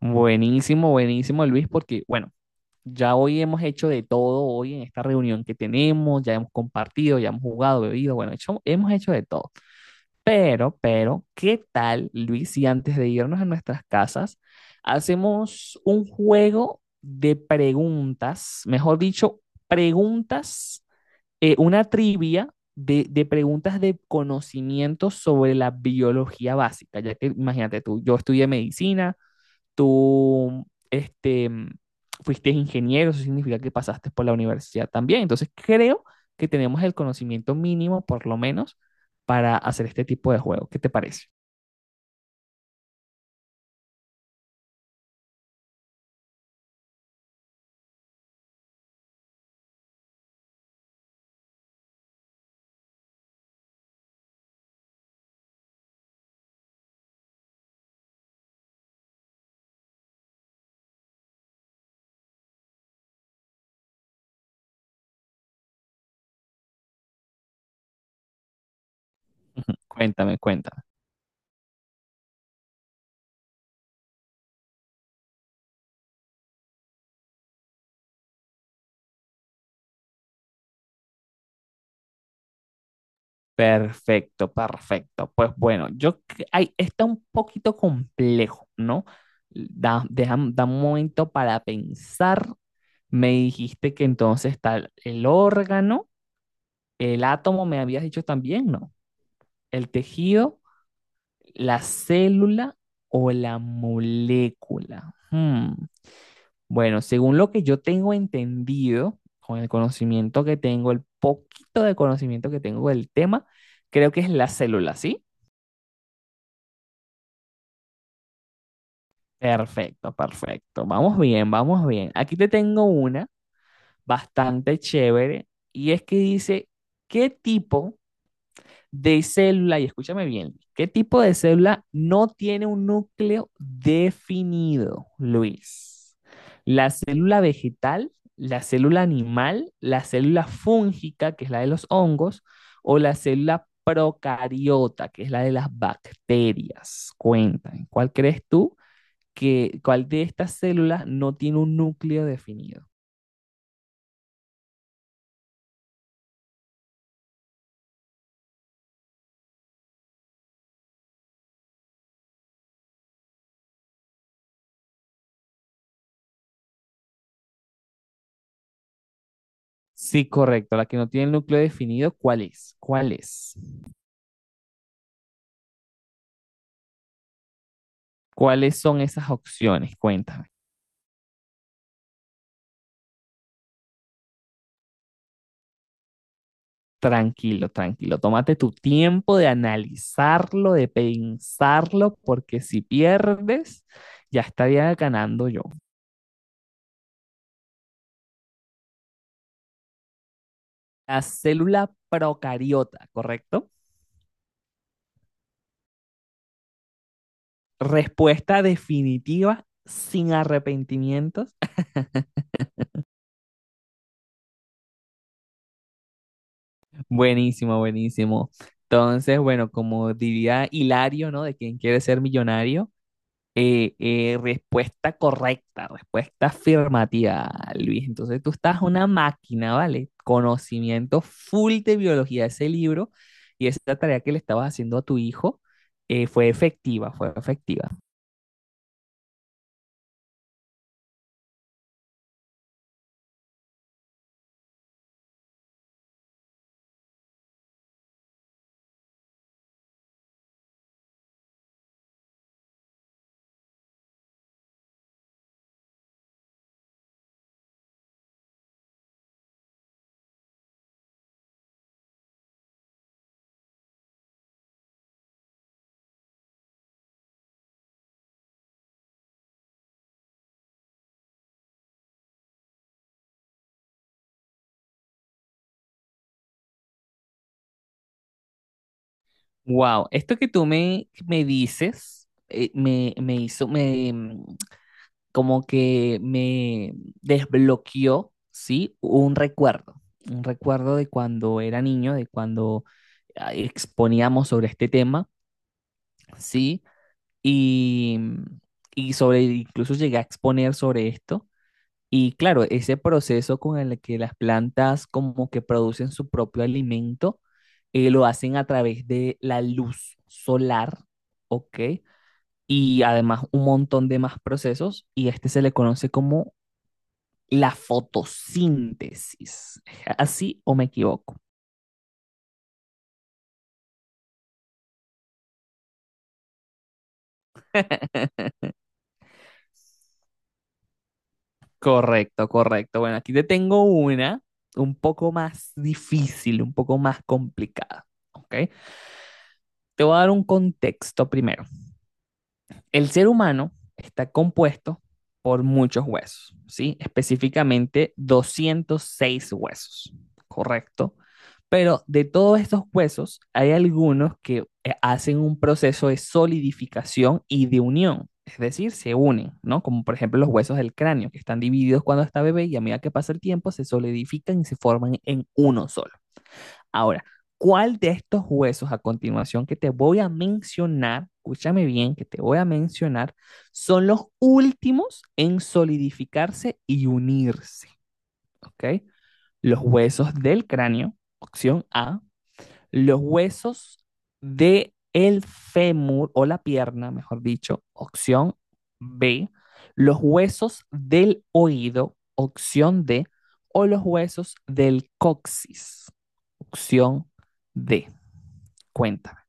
Buenísimo, buenísimo, Luis, porque bueno, ya hoy hemos hecho de todo, hoy en esta reunión que tenemos, ya hemos compartido, ya hemos jugado, bebido, bueno, hemos hecho de todo. Pero, ¿qué tal, Luis, si antes de irnos a nuestras casas, hacemos un juego de preguntas, mejor dicho, preguntas, una trivia de preguntas de conocimiento sobre la biología básica, ya que imagínate tú, yo estudié medicina tú este, fuiste ingeniero, eso significa que pasaste por la universidad también. Entonces creo que tenemos el conocimiento mínimo, por lo menos, para hacer este tipo de juego. ¿Qué te parece? Cuéntame, cuéntame. Perfecto, perfecto. Pues bueno, ay, está un poquito complejo, ¿no? Da un momento para pensar. Me dijiste que entonces está el órgano, el átomo, me habías dicho también, ¿no? El tejido, ¿la célula o la molécula? Hmm, bueno, según lo que yo tengo entendido, con el conocimiento que tengo, el poquito de conocimiento que tengo del tema, creo que es la célula, ¿sí? Perfecto, perfecto. Vamos bien, vamos bien. Aquí te tengo una bastante chévere, y es que dice, ¿qué tipo de célula, y escúchame bien, ¿qué tipo de célula no tiene un núcleo definido, Luis? La célula vegetal, la célula animal, la célula fúngica, que es la de los hongos, o la célula procariota, que es la de las bacterias. Cuéntame, ¿cuál crees tú que, cuál de estas células no tiene un núcleo definido? Sí, correcto, la que no tiene el núcleo definido, ¿cuál es? ¿Cuál es? ¿Cuáles son esas opciones? Cuéntame. Tranquilo, tranquilo. Tómate tu tiempo de analizarlo, de pensarlo, porque si pierdes, ya estaría ganando yo. La célula procariota, ¿correcto? Respuesta definitiva sin arrepentimientos. Buenísimo, buenísimo. Entonces, bueno, como diría Hilario, ¿no? De quien quiere ser millonario, respuesta correcta, respuesta afirmativa, Luis. Entonces tú estás una máquina, ¿vale? Conocimiento full de biología de ese libro y esa tarea que le estabas haciendo a tu hijo fue efectiva, fue efectiva. Wow, esto que tú me dices me hizo, como que me desbloqueó, ¿sí? Un recuerdo de cuando era niño, de cuando exponíamos sobre este tema. Sí, y, y sobre, incluso llegué a exponer sobre esto. Y claro, ese proceso con el que las plantas como que producen su propio alimento, lo hacen a través de la luz solar, ¿ok? Y además un montón de más procesos, y este se le conoce como la fotosíntesis. ¿Así o me equivoco? Correcto, correcto. Bueno, aquí te tengo una un poco más difícil, un poco más complicada. ¿Ok? Te voy a dar un contexto primero. El ser humano está compuesto por muchos huesos, ¿sí? Específicamente 206 huesos, ¿correcto? Pero de todos estos huesos hay algunos que hacen un proceso de solidificación y de unión, es decir, se unen, ¿no? Como por ejemplo los huesos del cráneo, que están divididos cuando está bebé y a medida que pasa el tiempo se solidifican y se forman en uno solo. Ahora, ¿cuál de estos huesos a continuación que te voy a mencionar, escúchame bien, que te voy a mencionar, son los últimos en solidificarse y unirse? ¿Ok? Los huesos del cráneo, opción A, los huesos del el fémur o la pierna, mejor dicho, opción B, los huesos del oído, opción D, o los huesos del coxis, opción D. Cuéntame.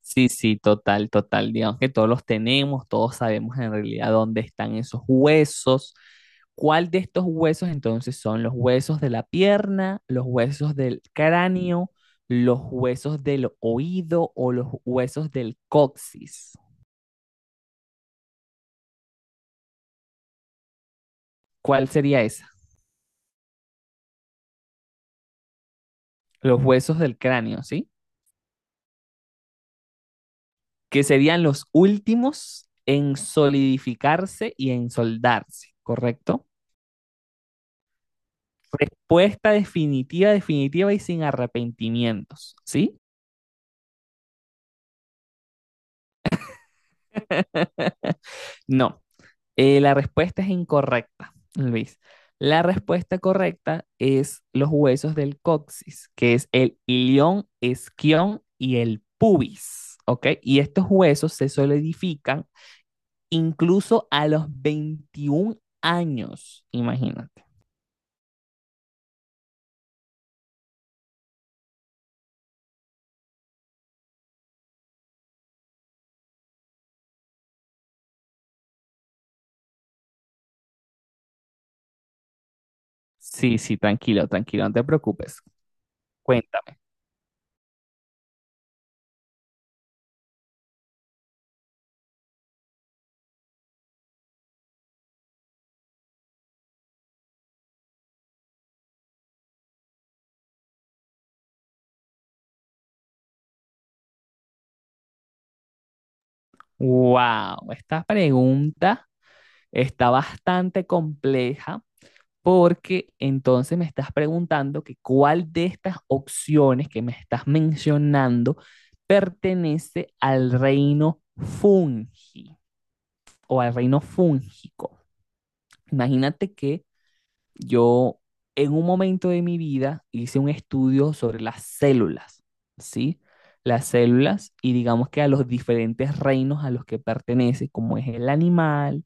Sí, sí, total, total. Digamos que todos los tenemos, todos sabemos en realidad dónde están esos huesos. ¿Cuál de estos huesos entonces son los huesos de la pierna, los huesos del cráneo, los huesos del oído o los huesos del coxis? ¿Cuál sería esa? Los huesos del cráneo, ¿sí? Que serían los últimos en solidificarse y en soldarse, ¿correcto? Respuesta definitiva, definitiva y sin arrepentimientos, ¿sí? No, la respuesta es incorrecta, Luis. La respuesta correcta es los huesos del coxis, que es el ilión, esquión y el pubis, ¿ok? Y estos huesos se solidifican incluso a los 21 años, imagínate. Sí, sí, tranquilo, tranquilo, no te preocupes. Cuéntame. Wow, esta pregunta está bastante compleja porque entonces me estás preguntando que cuál de estas opciones que me estás mencionando pertenece al reino fungi o al reino fúngico. Imagínate que yo en un momento de mi vida hice un estudio sobre las células, ¿sí? Las células, y digamos que a los diferentes reinos a los que pertenece, como es el animal,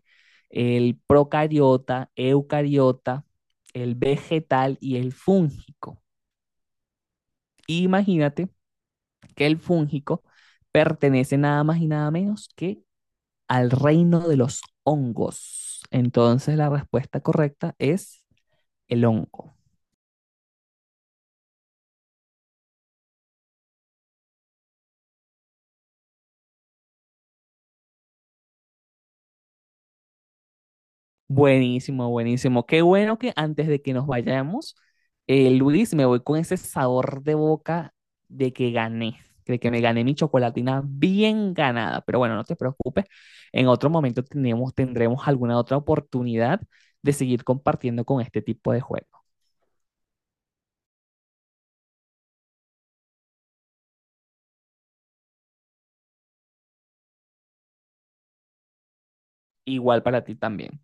el procariota, eucariota, el vegetal y el fúngico. Imagínate que el fúngico pertenece nada más y nada menos que al reino de los hongos. Entonces la respuesta correcta es el hongo. Buenísimo, buenísimo. Qué bueno que antes de que nos vayamos, Luis, me voy con ese sabor de boca de que gané, de que me gané mi chocolatina bien ganada. Pero bueno, no te preocupes, en otro momento tenemos, tendremos alguna otra oportunidad de seguir compartiendo con este tipo de juego. Igual para ti también.